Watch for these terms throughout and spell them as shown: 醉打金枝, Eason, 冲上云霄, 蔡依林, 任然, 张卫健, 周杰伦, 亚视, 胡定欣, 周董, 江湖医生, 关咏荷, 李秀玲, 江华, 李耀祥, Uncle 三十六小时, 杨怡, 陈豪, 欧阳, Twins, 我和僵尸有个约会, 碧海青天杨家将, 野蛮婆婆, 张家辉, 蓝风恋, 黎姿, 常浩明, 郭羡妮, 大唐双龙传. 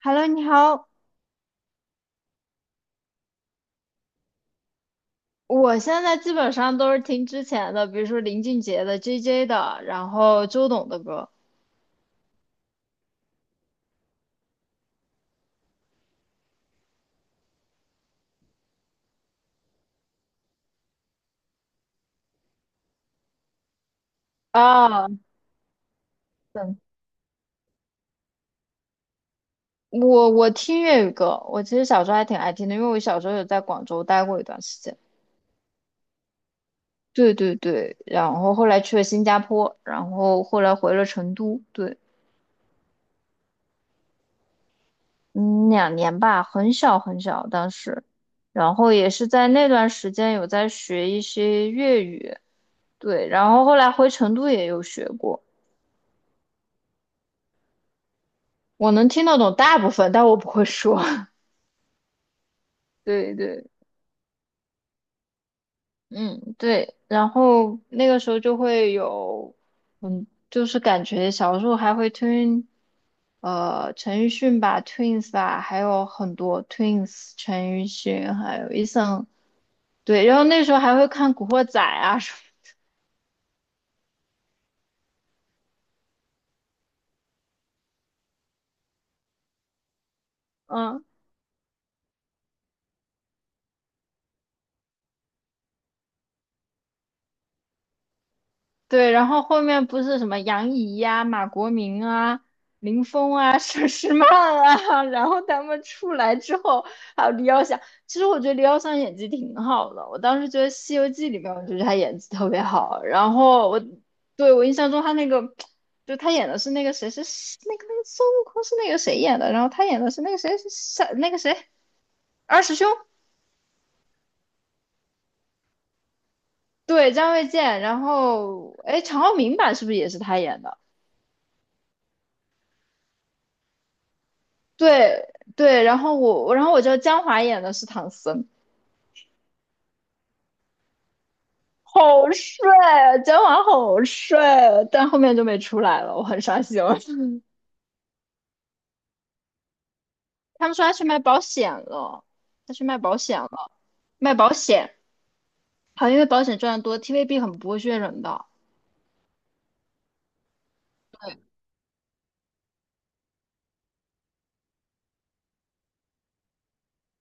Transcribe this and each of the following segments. Hello，你好，我现在基本上都是听之前的，比如说林俊杰的、JJ 的，然后周董的歌。啊，对，我听粤语歌，我其实小时候还挺爱听的，因为我小时候有在广州待过一段时间。对对对，然后后来去了新加坡，然后后来回了成都，对，嗯，两年吧，很小很小当时，然后也是在那段时间有在学一些粤语，对，然后后来回成都也有学过。我能听得懂大部分，但我不会说。对对，嗯，对，然后那个时候就会有，嗯，就是感觉小时候还会听，陈奕迅吧，Twins 吧，还有很多 Twins，陈奕迅，还有 Eason，对，然后那时候还会看《古惑仔》啊什么，嗯。对，然后后面不是什么杨怡呀、马国明啊、林峰啊、佘诗曼啊，然后他们出来之后，还有李耀祥。其实我觉得李耀祥演技挺好的，我当时觉得《西游记》里面，我觉得他演技特别好。然后我对，我印象中他那个，就他演的是那个谁，是那个孙悟空是那个谁演的，然后他演的是那个谁是那个谁二师兄，对，张卫健。然后哎，常浩明版是不是也是他演的？对对，然后我，我，然后我觉得江华演的是唐僧，好帅，啊，江华好帅，啊，但后面就没出来了，我很伤心。他们说他去卖保险了，他去卖保险了，卖保险，好像因为保险赚得多，TVB 很不会虐人的。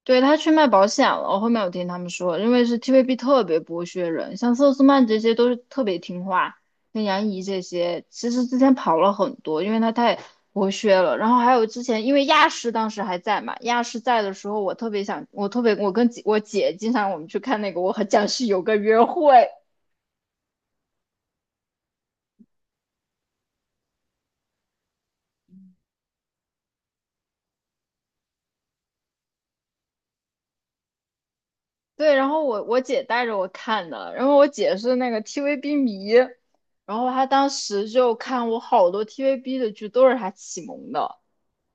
对，他去卖保险了，我后面有听他们说，因为是 TVB 特别剥削人，像佘诗曼这些都是特别听话，像杨怡这些，其实之前跑了很多，因为他太剥削了。然后还有之前，因为亚视当时还在嘛，亚视在的时候，我特别想，我特别，我跟我姐经常我们去看那个《我和僵尸有个约会》，对，然后我姐带着我看的，然后我姐是那个 TVB 迷，然后她当时就看我好多 TVB 的剧都是她启蒙的，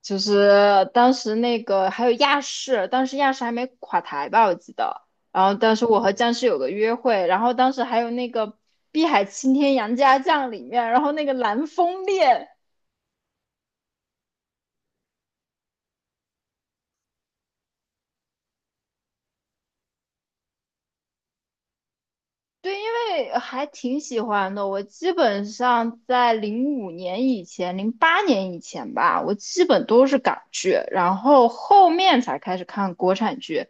就是当时那个还有亚视，当时亚视还没垮台吧，我记得，然后当时我和僵尸有个约会，然后当时还有那个《碧海青天杨家将》里面，然后那个蓝风恋，对，因为还挺喜欢的。我基本上在零五年以前、08年以前吧，我基本都是港剧，然后后面才开始看国产剧，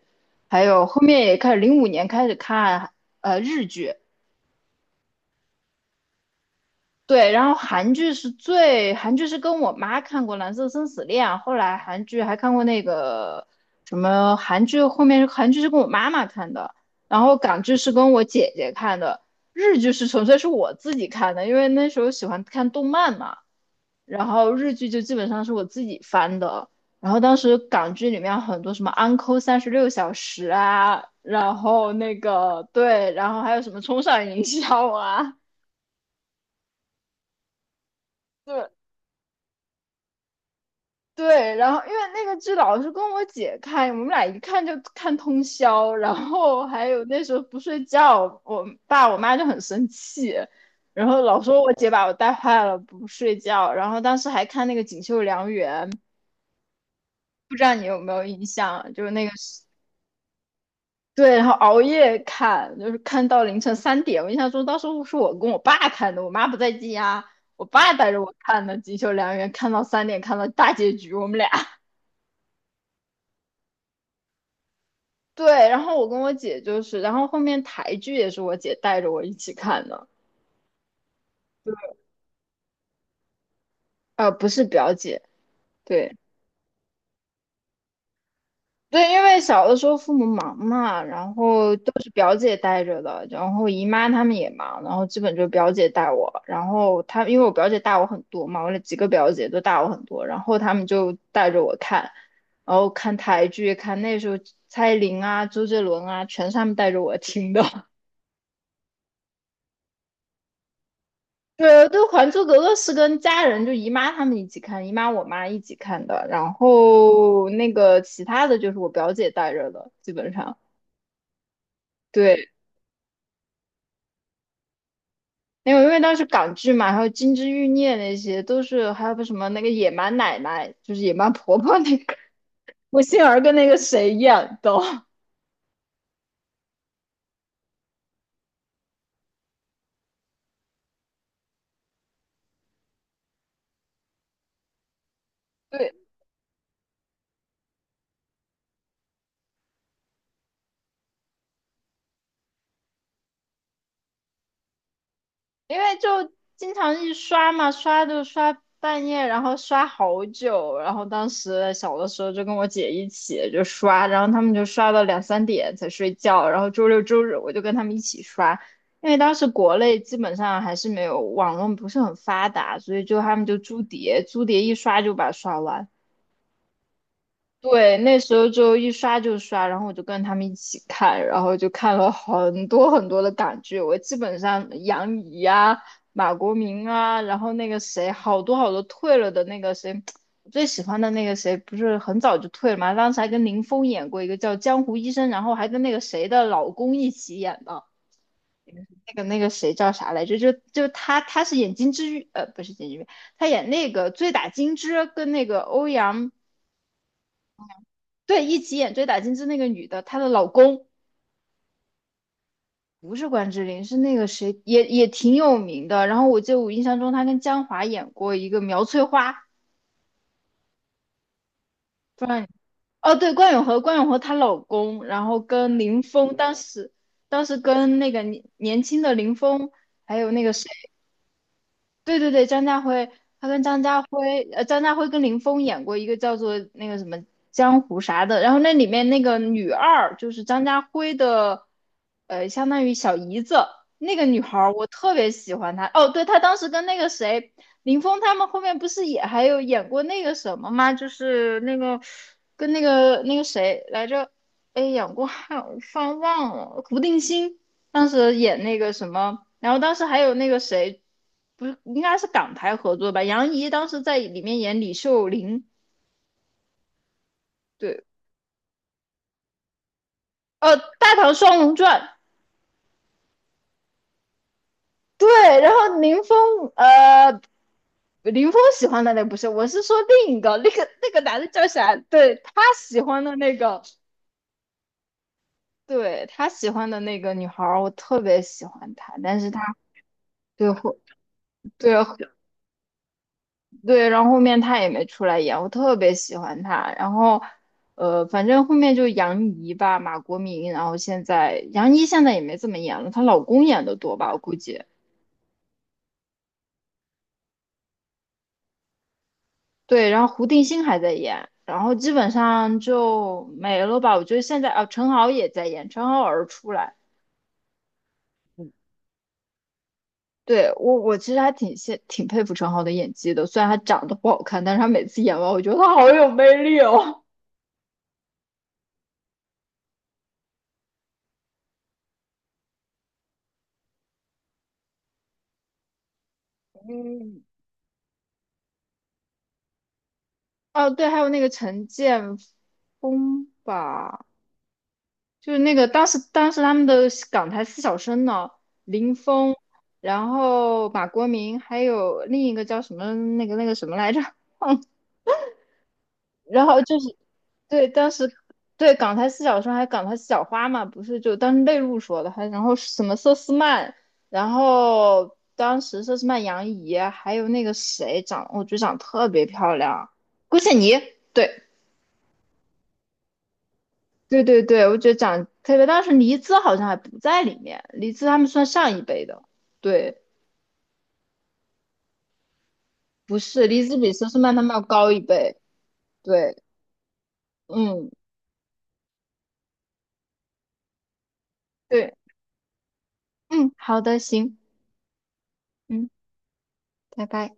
还有后面也开始零五年开始看日剧，对，然后韩剧是跟我妈看过《蓝色生死恋》，后来韩剧还看过那个什么韩剧，后面韩剧是跟我妈妈看的，然后港剧是跟我姐姐看的，日剧是纯粹是我自己看的，因为那时候喜欢看动漫嘛，然后日剧就基本上是我自己翻的，然后当时港剧里面很多什么《Uncle 36小时》啊，对，然后还有什么《冲上云霄》啊。对，对，然后因为那个剧老是跟我姐看，我们俩一看就看通宵，然后还有那时候不睡觉，我爸我妈就很生气，然后老说我姐把我带坏了，不睡觉，然后当时还看那个《锦绣良缘》，不知道你有没有印象，对，然后熬夜看，就是看到凌晨三点，我印象中当时是我跟我爸看的，我妈不在家，我爸带着我看的《锦绣良缘》，看到三点，看到大结局，我们俩。对，然后我跟我姐就是，然后后面台剧也是我姐带着我一起看的，不是表姐，对对，因为小的时候父母忙嘛，然后都是表姐带着的，然后姨妈他们也忙，然后基本就表姐带我，然后她因为我表姐大我很多嘛，我那几个表姐都大我很多，然后她们就带着我看，然后看台剧，看那时候蔡依林啊、周杰伦啊，全是她们带着我听的。对对，《还珠格格》是跟家人，就姨妈他们一起看，姨妈我妈一起看的。然后那个其他的就是我表姐带着的，基本上，对，因为当时港剧嘛，还有《金枝欲孽》那些都是，还有个什么那个野蛮奶奶，就是野蛮婆婆那个，我心儿跟那个谁演的？对，因为就经常一刷嘛，刷就刷半夜，然后刷好久。然后当时小的时候就跟我姐一起就刷，然后他们就刷到两三点才睡觉。然后周六周日我就跟他们一起刷，因为当时国内基本上还是没有网络不是很发达，所以就他们就租碟，租碟一刷就把它刷完。对，那时候就一刷就刷，然后我就跟他们一起看，然后就看了很多很多的港剧。我基本上杨怡啊、马国明啊，然后那个谁，好多好多退了的那个谁，我最喜欢的那个谁，不是很早就退了嘛？当时还跟林峰演过一个叫《江湖医生》，然后还跟那个谁的老公一起演的。那个谁叫啥来着？就他，是演金枝玉，不是金枝玉，他演那个《醉打金枝》跟那个欧阳，对，一起演《追打金枝》那个女的，她的老公不是关之琳，是那个谁，也挺有名的。然后我记得我印象中她跟江华演过一个苗翠花，不知道你哦，对，关咏荷，关咏荷她老公，然后跟林峰，当时跟那个年轻的林峰，还有那个谁。对对对，张家辉，张家辉跟林峰演过一个叫做那个什么江湖啥的，然后那里面那个女二就是张家辉的，相当于小姨子，那个女孩儿我特别喜欢她。哦，对，她当时跟那个谁，林峰他们后面不是也还有演过那个什么吗？就是那个跟那个谁来着，哎，演过还有突然忘了，胡定欣。当时演那个什么，然后当时还有那个谁，不是应该是港台合作吧？杨怡当时在里面演李秀玲，对，《大唐双龙传》，对，然后呃，林峰喜欢的那不是，我是说另一个，那个男的叫啥？对，他喜欢的那个，对，他喜欢的那个女孩儿，我特别喜欢她，但是她对后对对，然后后面他也没出来演，我特别喜欢他。然后，反正后面就杨怡吧，马国明，然后现在杨怡现在也没怎么演了，她老公演的多吧，我估计。对，然后胡定欣还在演，然后基本上就没了吧。我觉得现在啊，陈豪也在演，陈豪偶尔出来。对，我其实还挺佩服陈豪的演技的，虽然他长得不好看，但是他每次演完，我觉得他好有魅力哦。嗯，哦，对，还有那个陈建锋吧，就是那个当时他们的港台四小生呢，林峰，然后马国明，还有另一个叫什么那个什么来着，嗯，然后就是，对，当时，对，港台四小生还有港台四小花嘛，不是就当时内陆说的，然后什么佘诗曼，然后当时佘诗曼、杨怡，还有那个谁，我觉得长得特别漂亮，郭羡妮，对，对对对，我觉得长得特别，当时黎姿好像还不在里面，黎姿他们算上一辈的，对，不是，黎姿比佘诗曼他们要高一辈，对，嗯，对，嗯，好的，行，嗯，拜拜。